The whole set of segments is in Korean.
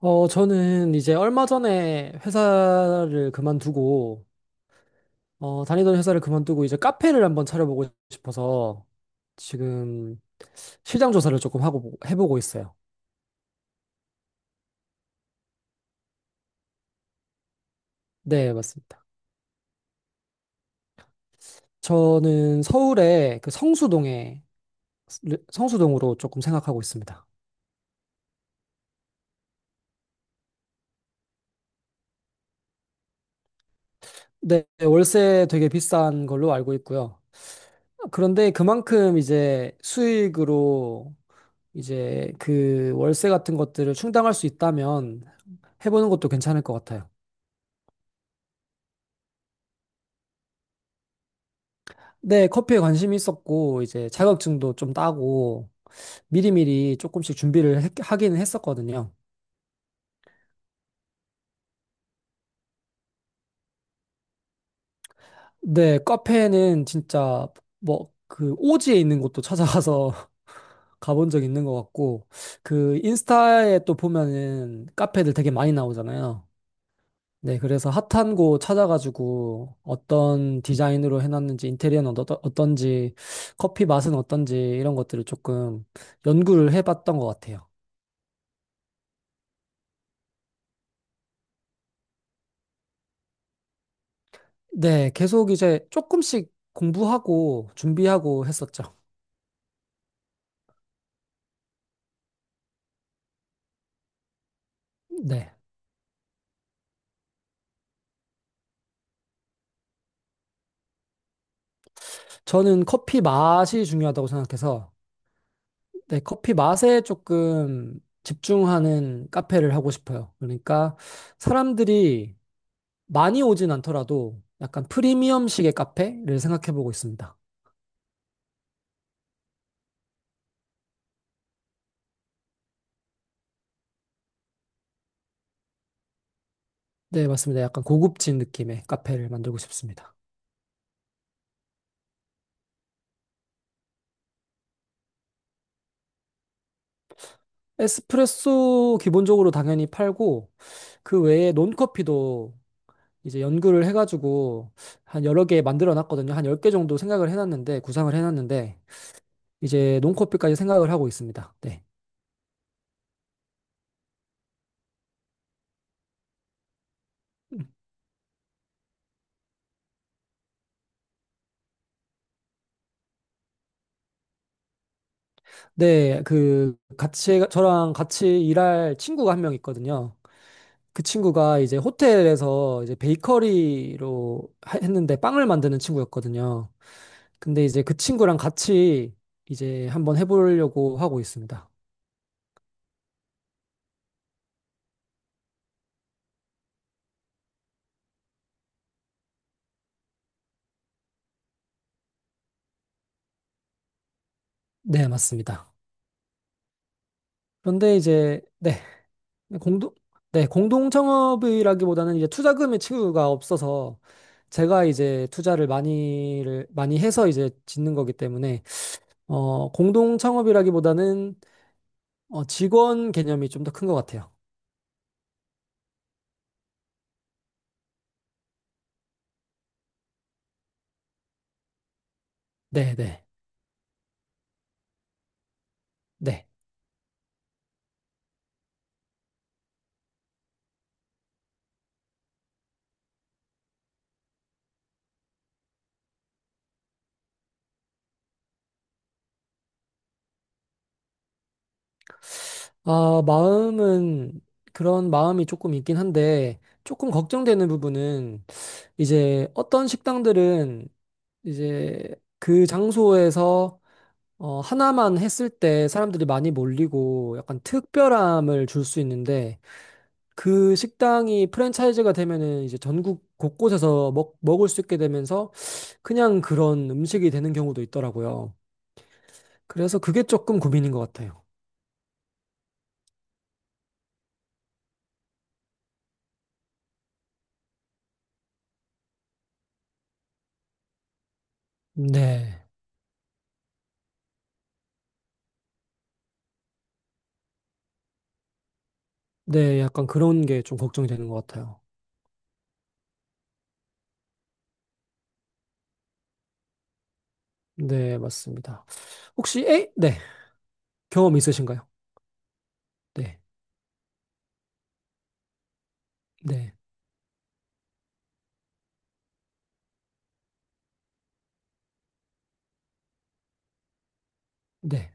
저는 이제 얼마 전에 회사를 그만두고, 다니던 회사를 그만두고 이제 카페를 한번 차려보고 싶어서 지금 시장 조사를 조금 하고, 해보고 있어요. 네, 맞습니다. 저는 서울의 그 성수동으로 조금 생각하고 있습니다. 네, 월세 되게 비싼 걸로 알고 있고요. 그런데 그만큼 이제 수익으로 이제 그 월세 같은 것들을 충당할 수 있다면 해보는 것도 괜찮을 것 같아요. 네, 커피에 관심이 있었고, 이제 자격증도 좀 따고, 미리미리 조금씩 준비를 하기는 했었거든요. 네, 카페는 진짜 뭐, 그 오지에 있는 곳도 찾아가서 가본 적 있는 것 같고, 그 인스타에 또 보면은 카페들 되게 많이 나오잖아요. 네, 그래서 핫한 곳 찾아가지고 어떤 디자인으로 해놨는지, 인테리어는 어떤지, 커피 맛은 어떤지, 이런 것들을 조금 연구를 해봤던 것 같아요. 네, 계속 이제 조금씩 공부하고 준비하고 했었죠. 네. 저는 커피 맛이 중요하다고 생각해서, 네, 커피 맛에 조금 집중하는 카페를 하고 싶어요. 그러니까 사람들이 많이 오진 않더라도 약간 프리미엄식의 카페를 생각해 보고 있습니다. 네, 맞습니다. 약간 고급진 느낌의 카페를 만들고 싶습니다. 에스프레소 기본적으로 당연히 팔고, 그 외에 논커피도 이제 연구를 해가지고 한 여러 개 만들어 놨거든요. 한 10개 정도 생각을 해놨는데, 구상을 해놨는데, 이제 논커피까지 생각을 하고 있습니다. 네. 네, 그 같이 저랑 같이 일할 친구가 한 명 있거든요. 그 친구가 이제 호텔에서 이제 베이커리로 했는데 빵을 만드는 친구였거든요. 근데 이제 그 친구랑 같이 이제 한번 해보려고 하고 있습니다. 네, 맞습니다. 그런데 이제 네. 공동, 네, 공동 창업이라기보다는 이제 투자금의 친구가 없어서 제가 이제 투자를 많이 해서 이제 짓는 거기 때문에 공동 창업이라기보다는 직원 개념이 좀 더 큰 것 같아요. 네, 네, 네. 아, 마음은 그런 마음이 조금 있긴 한데 조금 걱정되는 부분은 이제 어떤 식당들은 이제 그 장소에서 하나만 했을 때 사람들이 많이 몰리고 약간 특별함을 줄 수 있는데 그 식당이 프랜차이즈가 되면은 이제 전국 곳곳에서 먹을 수 있게 되면서 그냥 그런 음식이 되는 경우도 있더라고요. 그래서 그게 조금 고민인 것 같아요. 네. 네, 약간 그런 게 좀 걱정이 되는 것 같아요. 네, 맞습니다. 혹시, 에? 네. 경험 있으신가요? 네. 네. 네.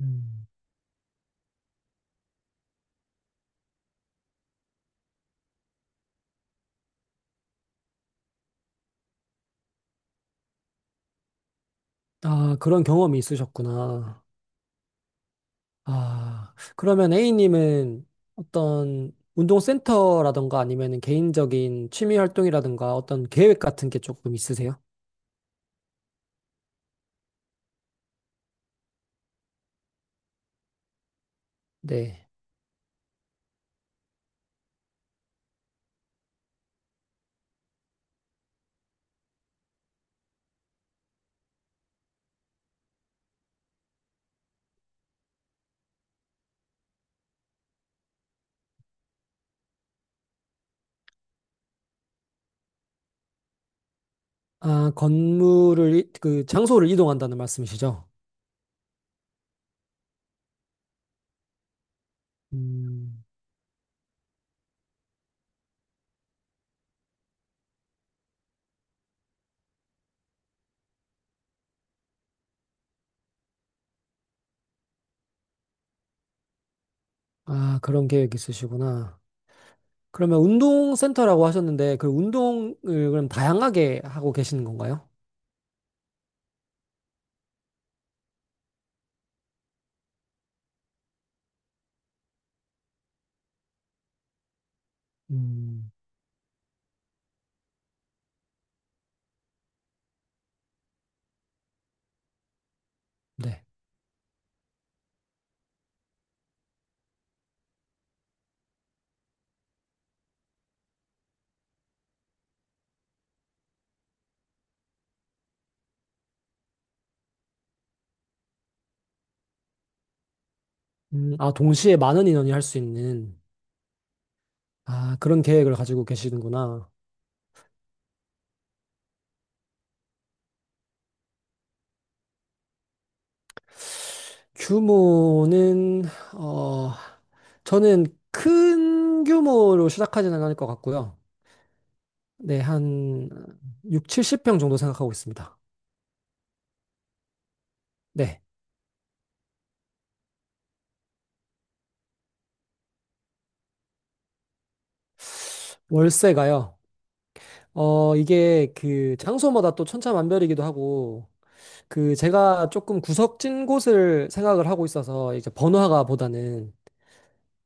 음. 아, 그런 경험이 있으셨구나. 아, 그러면 A님은 어떤 운동센터라던가 아니면 개인적인 취미 활동이라던가 어떤 계획 같은 게 조금 있으세요? 네. 아, 그 장소를 이동한다는 말씀이시죠? 음, 아, 그런 계획 있으시구나. 그러면 운동센터라고 하셨는데 그 운동을 그럼 다양하게 하고 계시는 건가요? 음, 네. 아, 동시에 많은 인원이 할 수 있는, 아, 그런 계획을 가지고 계시는구나. 규모는 어 저는 큰 규모로 시작하지는 않을 것 같고요. 네, 한 6, 70평 정도 생각하고 있습니다. 네. 월세가요. 이게 그 장소마다 또 천차만별이기도 하고 그 제가 조금 구석진 곳을 생각을 하고 있어서 이제 번화가보다는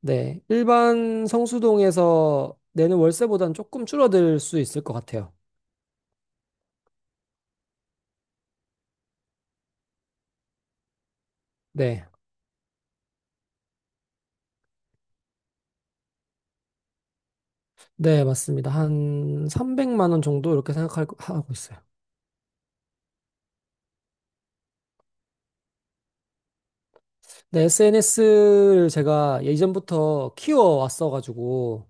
네, 일반 성수동에서 내는 월세보다는 조금 줄어들 수 있을 것 같아요. 네. 네, 맞습니다. 한 300만 원 정도 이렇게 생각하고 하고 있어요. 네, SNS를 제가 예전부터 키워왔어가지고,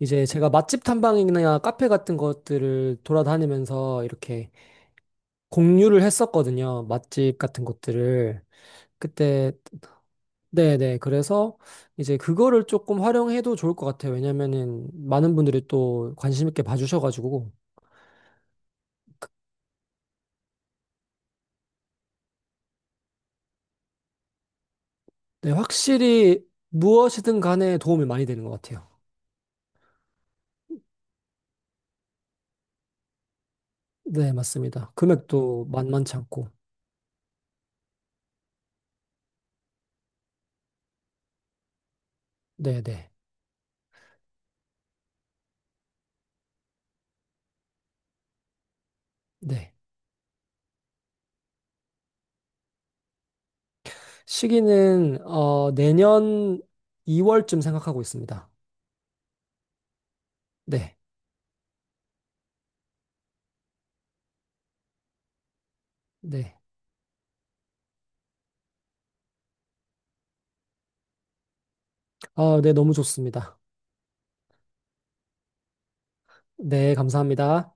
이제 제가 맛집 탐방이나 카페 같은 것들을 돌아다니면서 이렇게 공유를 했었거든요. 맛집 같은 것들을. 그때, 네네. 그래서 이제 그거를 조금 활용해도 좋을 것 같아요. 왜냐면은 많은 분들이 또 관심 있게 봐주셔가지고, 네, 확실히 무엇이든 간에 도움이 많이 되는 것 같아요. 네, 맞습니다. 금액도 만만치 않고. 네, 네, 네. 시기는 내년 2월쯤 생각하고 있습니다. 네, 네. 아, 네, 너무 좋습니다. 네, 감사합니다.